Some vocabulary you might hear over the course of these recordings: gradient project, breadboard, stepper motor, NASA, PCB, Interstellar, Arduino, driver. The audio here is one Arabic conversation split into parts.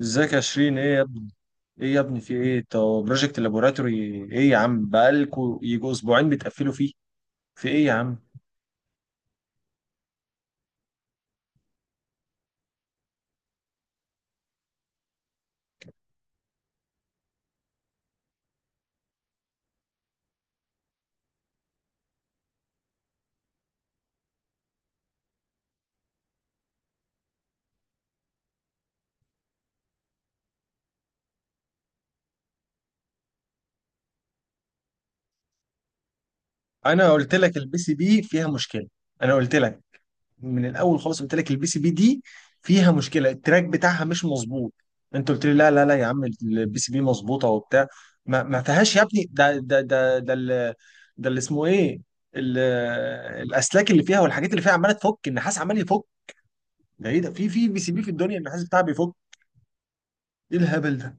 ازيك يا شيرين؟ ايه يا ابني؟ ايه يا ابني في ايه؟ طب بروجكت لابوراتوري ايه يا عم؟ بقالكوا يجوا اسبوعين بتقفلوا فيه. في ايه يا عم؟ انا قلت لك البي سي بي فيها مشكله. انا قلت لك من الاول خالص، قلت لك البي سي بي دي فيها مشكله، التراك بتاعها مش مظبوط. انت قلت لي لا لا لا يا عم البي سي بي مظبوطه وبتاع. ما فيهاش يا ابني ده ده اللي اسمه ايه؟ ال- الاسلاك اللي فيها والحاجات اللي فيها عماله تفك النحاس، عمال يفك. ده ايه ده؟ في بي سي بي في الدنيا النحاس بتاعها بيفك؟ ايه الهبل ده؟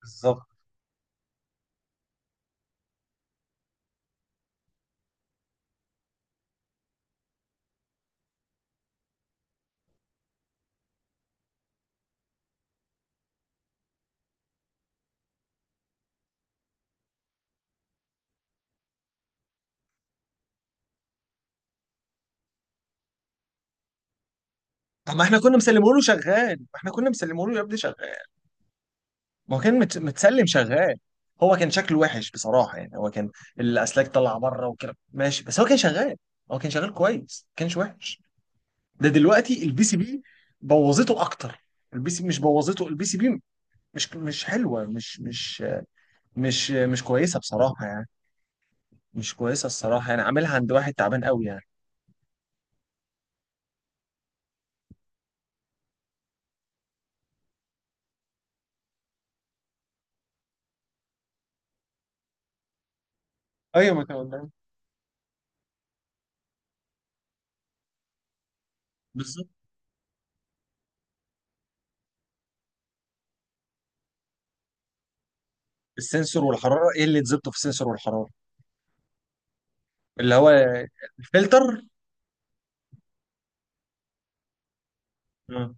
بالظبط. طب ما احنا كنا مسلمه له شغال، ما احنا كنا مسلمه له يا ابني شغال. ما هو كان متسلم شغال. هو كان شكله وحش بصراحه يعني، هو كان الاسلاك طالعه بره وكده ماشي، بس هو كان شغال. هو كان شغال كويس، ما كانش وحش. ده دلوقتي البي سي بي بوظته اكتر. البي سي مش بوظته البي سي بي. مش حلوه، مش مش كويسه بصراحه يعني. مش كويسه الصراحه يعني، عاملها عند واحد تعبان قوي يعني. ايوه ما تمام. بالظبط. السنسور والحراره؟ ايه اللي تظبطه في السنسور والحراره؟ اللي هو الفلتر. مم.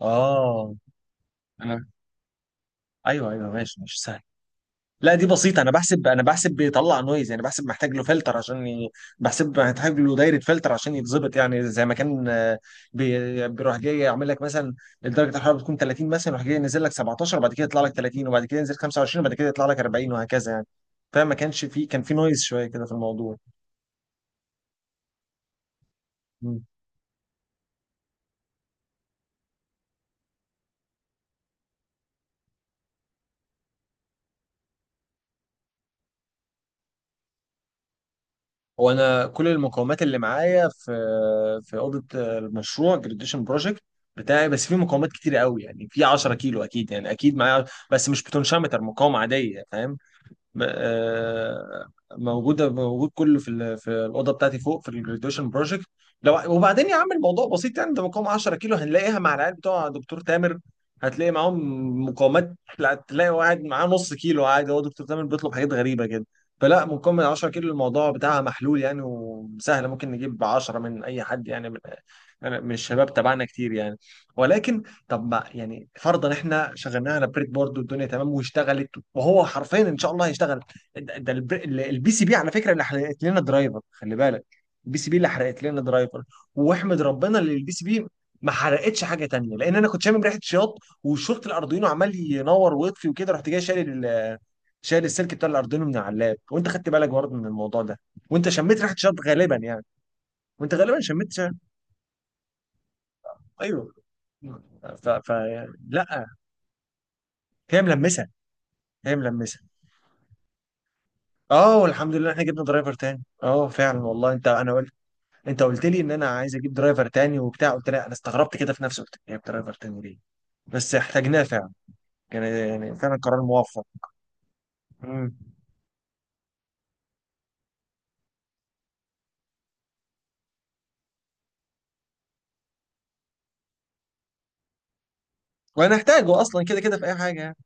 اه. انا ايوه ايوه ماشي ماشي سهل. لا، دي بسيطة. أنا بحسب بيطلع نويز يعني، بحسب محتاج له فلتر عشان بحسب محتاج له دايرة فلتر عشان يتظبط، يعني زي ما كان، بيروح جاي يعمل لك مثلا درجة الحرارة بتكون 30 مثلا، يروح جاي ينزل لك 17 وبعد كده يطلع لك 30 وبعد كده ينزل 25 وبعد كده يطلع لك 40 وهكذا يعني. فما كانش فيه، كان فيه نويز شوية كده في الموضوع. هو انا كل المقومات اللي معايا في اوضه المشروع جراديشن بروجكت بتاعي، بس في مقاومات كتير قوي يعني، في 10 كيلو اكيد، يعني اكيد معايا، بس مش بوتنشيومتر، مقاومه عاديه فاهم. م- آه، موجوده، موجود كله في في الاوضه بتاعتي فوق في الجراديويشن بروجكت. لو وبعدين يا عم الموضوع بسيط يعني، ده مقاومه 10 كيلو هنلاقيها مع العيال بتوع دكتور تامر. هتلاقي معاهم مقاومات. لا، تلاقي واحد معاه نص كيلو عادي، هو دكتور تامر بيطلب حاجات غريبه كده. فلا مقاومه 10 كيلو الموضوع بتاعها محلول يعني، وسهله، ممكن نجيب 10 من اي حد يعني، من يعني من الشباب تبعنا كتير يعني. ولكن طب ما يعني فرضا احنا شغلناها على بريد بورد والدنيا تمام واشتغلت، وهو حرفيا ان شاء الله هيشتغل. البي سي بي على فكره اللي حرقت لنا درايفر، خلي بالك. البي سي بي اللي حرقت لنا درايفر، واحمد ربنا اللي البي سي بي ما حرقتش حاجه تانية، لان انا كنت شامم ريحه شياط وشورت الاردوينو عمال ينور ويطفي وكده، رحت جاي شايل شايل السلك بتاع الاردوينو من على اللاب. وانت خدت بالك برضه من الموضوع ده، وانت شميت ريحه شياط غالبا يعني، وانت غالبا شميت شياط. ايوه. ف... ف... لا، هي ملمسه، هي ملمسه. اه والحمد لله احنا جبنا درايفر تاني، اه فعلا والله. انت، انا قلت، انت قلت لي ان انا عايز اجيب درايفر تاني وبتاع، قلت لا. انا استغربت كده في نفسي، قلت جايب درايفر تاني ليه؟ بس احتاجناه فعلا، كان يعني فعلا قرار موفق. مم. وهنحتاجه اصلا كده كده في اي حاجه يعني.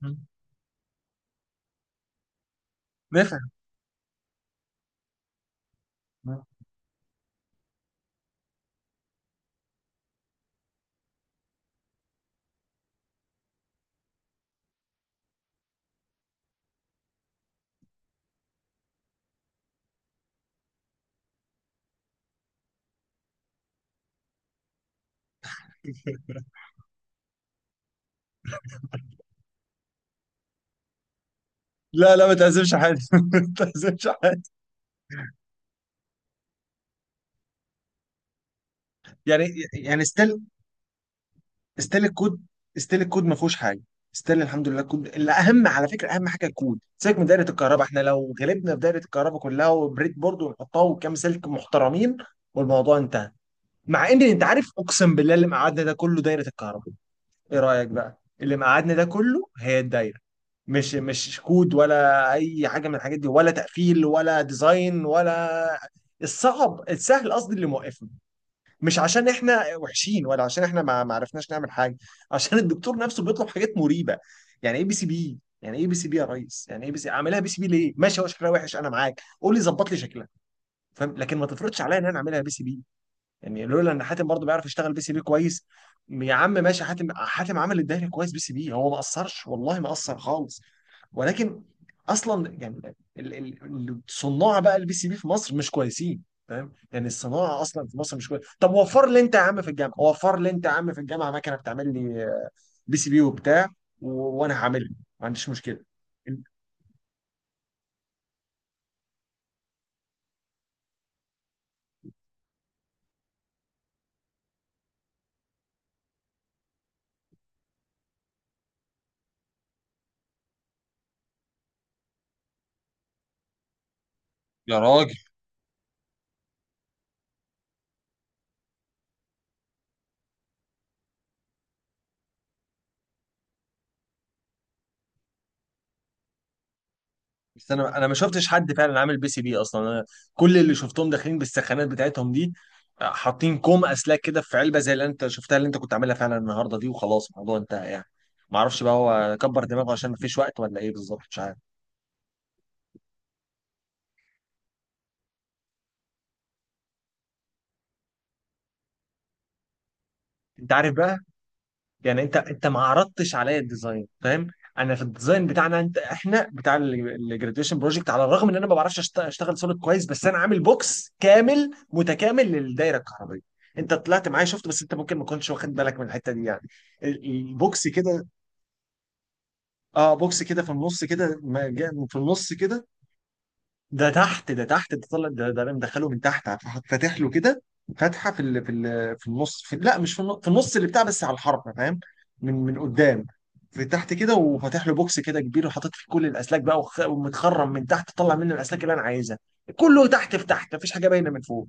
مم. نفهم. مم. لا لا، ما تأزمش حد. ما تأزمش حد. يعني، يعني ستيل، ستيل الكود، ستيل الكود ما فيهوش حاجه. ستيل الحمد لله الكود الاهم على فكره. اهم حاجه الكود، سيبك من دايره الكهرباء. احنا لو غلبنا في دايره الكهرباء كلها وبريد بورد ونحطها وكام سلك محترمين، والموضوع انتهى. مع ان انت عارف اقسم بالله اللي مقعدنا ده كله دايره الكهرباء. ايه رايك بقى؟ اللي مقعدنا ده كله هي الدايره، مش كود ولا اي حاجه من الحاجات دي، ولا تقفيل ولا ديزاين ولا الصعب السهل، قصدي اللي موقفنا. مش عشان احنا وحشين، ولا عشان احنا ما عرفناش نعمل حاجه، عشان الدكتور نفسه بيطلب حاجات مريبه. يعني ايه بي سي بي؟ يعني ايه بي سي بي يا ريس؟ يعني ايه بي سي؟ اعملها بي سي بي ليه؟ ماشي، هو شكلها وحش انا معاك، قول لي ظبط لي شكلها، فاهم. لكن ما تفرضش عليا ان انا اعملها بي سي بي. يعني لولا ان حاتم برضه بيعرف يشتغل بي سي بي كويس. يا عم ماشي، حاتم حاتم عمل الدوري كويس بي سي بي، هو ما قصرش والله، ما قصر خالص. ولكن اصلا يعني الصناع بقى البي سي بي في مصر مش كويسين، فاهم. يعني الصناعه اصلا في مصر مش كويس. طب وفر لي انت يا عم في الجامعه، وفر لي انت يا عم في الجامعه مكنه بتعمل لي بي سي بي وبتاع، و... وانا هعملها، ما عنديش مشكله. يا راجل، بس انا ما شفتش حد فعلا عامل بي سي بي اصلا. انا كل اللي شفتهم داخلين بالسخانات بتاعتهم دي، حاطين كوم اسلاك كده في علبه زي اللي انت شفتها، اللي انت كنت عاملها فعلا النهارده دي، وخلاص الموضوع انتهى يعني. ما اعرفش بقى هو كبر دماغه عشان ما فيش وقت ولا ايه بالظبط، مش عارف. انت عارف بقى، يعني انت ما عرضتش عليا الديزاين فاهم. انا في الديزاين بتاعنا انت، احنا بتاع الجراديويشن بروجكت، على الرغم ان انا ما بعرفش اشتغل سوليد كويس، بس انا عامل بوكس كامل متكامل للدايره الكهربائيه. انت طلعت معايا شفت، بس انت ممكن ما كنتش واخد بالك من الحته دي يعني، البوكس كده. اه بوكس كده في النص كده، ما جاء- في النص كده. ده تحت، ده تحت، ده طلع، ده انا مدخله من تحت، فاتح له كده فتحه في في النص. في لا، مش في النص، في النص اللي بتاع بس على الحرف فاهم. من قدام، في تحت كده، وفاتح له بوكس كده كبير وحاطط فيه كل الاسلاك بقى، ومتخرم من تحت طلع منه الاسلاك اللي انا عايزها. كله تحت، في تحت مفيش حاجه باينه من فوق،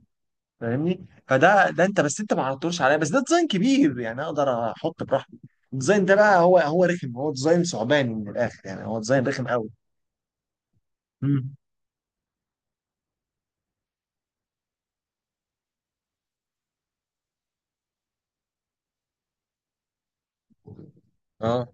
فاهمني. فده انت، بس انت ما عرضتوش عليا، بس ده ديزاين كبير يعني اقدر احط براحتي. الديزاين ده بقى هو رخم، هو ديزاين ثعباني من الاخر يعني، هو ديزاين رخم قوي. امم. اه.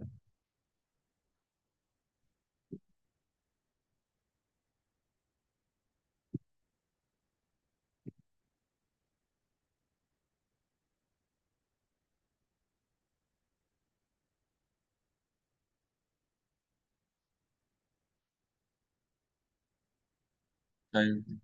ايوه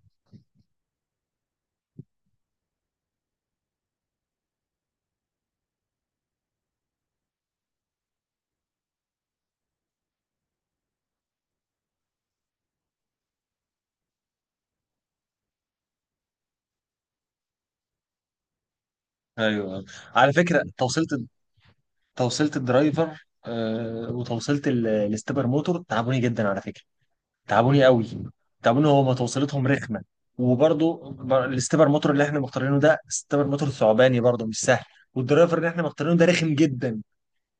ايوه على فكره. توصيله، توصيله الدرايفر، وتوصيله الاستبر موتور تعبوني جدا على فكره. تعبوني قوي، تعبوني. هما توصيلتهم رخمه. وبرضه الاستبر موتور اللي احنا مختارينه ده استبر موتور ثعباني، برضه مش سهل. والدرايفر اللي احنا مختارينه ده رخم جدا،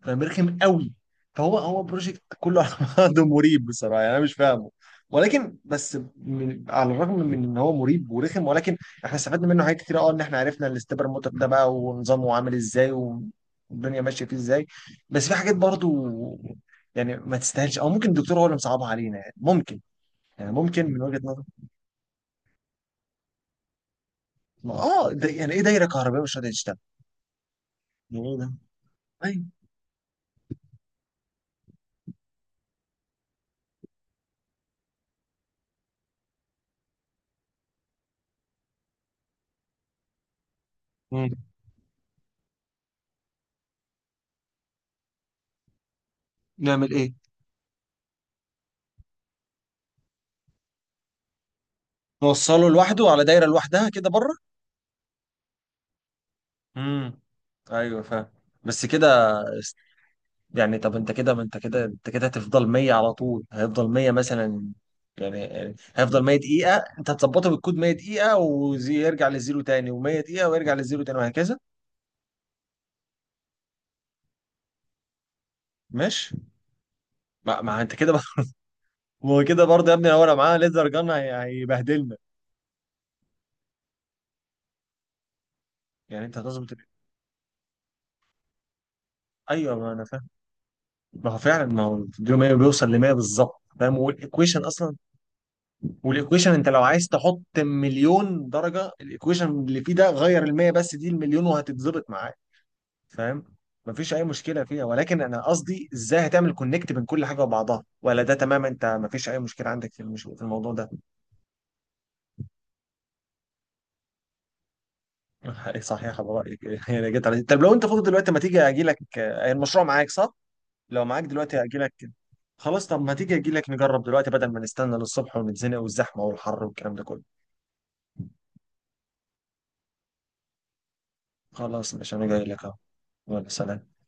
فرخم قوي. فهو هو بروجكت كله على بعضه مريب بصراحه يعني، انا مش فاهمه. ولكن بس من، على الرغم من ان هو مريب ورخم، ولكن احنا استفدنا منه حاجات كتير، اه، ان احنا عرفنا الاستبر موتور ده بقى ونظامه عامل ازاي، والدنيا ماشيه فيه ازاي. بس في حاجات برضو يعني ما تستاهلش، او ممكن الدكتور هو اللي مصعبها علينا يعني، ممكن. يعني ممكن من وجهه نظر. اه ده يعني ايه دايره كهربائيه مش قادره تشتغل؟ يعني ايه ده؟ أيوة. مم. نعمل ايه؟ نوصله لوحده على دايره لوحدها كده بره. امم. ايوه فاهم. بس كده. است- يعني طب انت كده، ما انت كده، انت كده هتفضل 100 على طول، هيفضل 100 مثلا. يعني هيفضل 100 دقيقة، انت هتظبطه بالكود 100 دقيقة ويرجع للزيرو تاني و100 دقيقة ويرجع للزيرو تاني وهكذا. ماشي. ما انت كده بقى. ما هو كده برضه يا ابني، لو انا معاه ليزر جان هيبهدلنا. يعني انت هتظبط ايوه ما انا فاهم. ما هو فعلا ما هو الفيديو 100 بيوصل ل 100 بالظبط فاهم، والايكويشن اصلا. والايكويشن انت لو عايز تحط مليون درجه، الايكويشن اللي فيه ده غير المية بس، دي المليون وهتتظبط معاك فاهم. مفيش اي مشكله فيها، ولكن انا قصدي ازاي هتعمل كونكت بين كل حاجه وبعضها؟ ولا ده تمام انت؟ مفيش اي مشكله عندك في في الموضوع ده. صحيح على رايك. يعني جيت على، طب لو انت فاضي دلوقتي ما تيجي اجي لك، المشروع معاك صح؟ لو معاك دلوقتي اجي لك. خلاص طب ما تيجي اجي لك نجرب دلوقتي، بدل ما نستنى للصبح ونتزنق والزحمه والحر والكلام ده كله. خلاص مش انا جاي لك اهو. يلا سلام.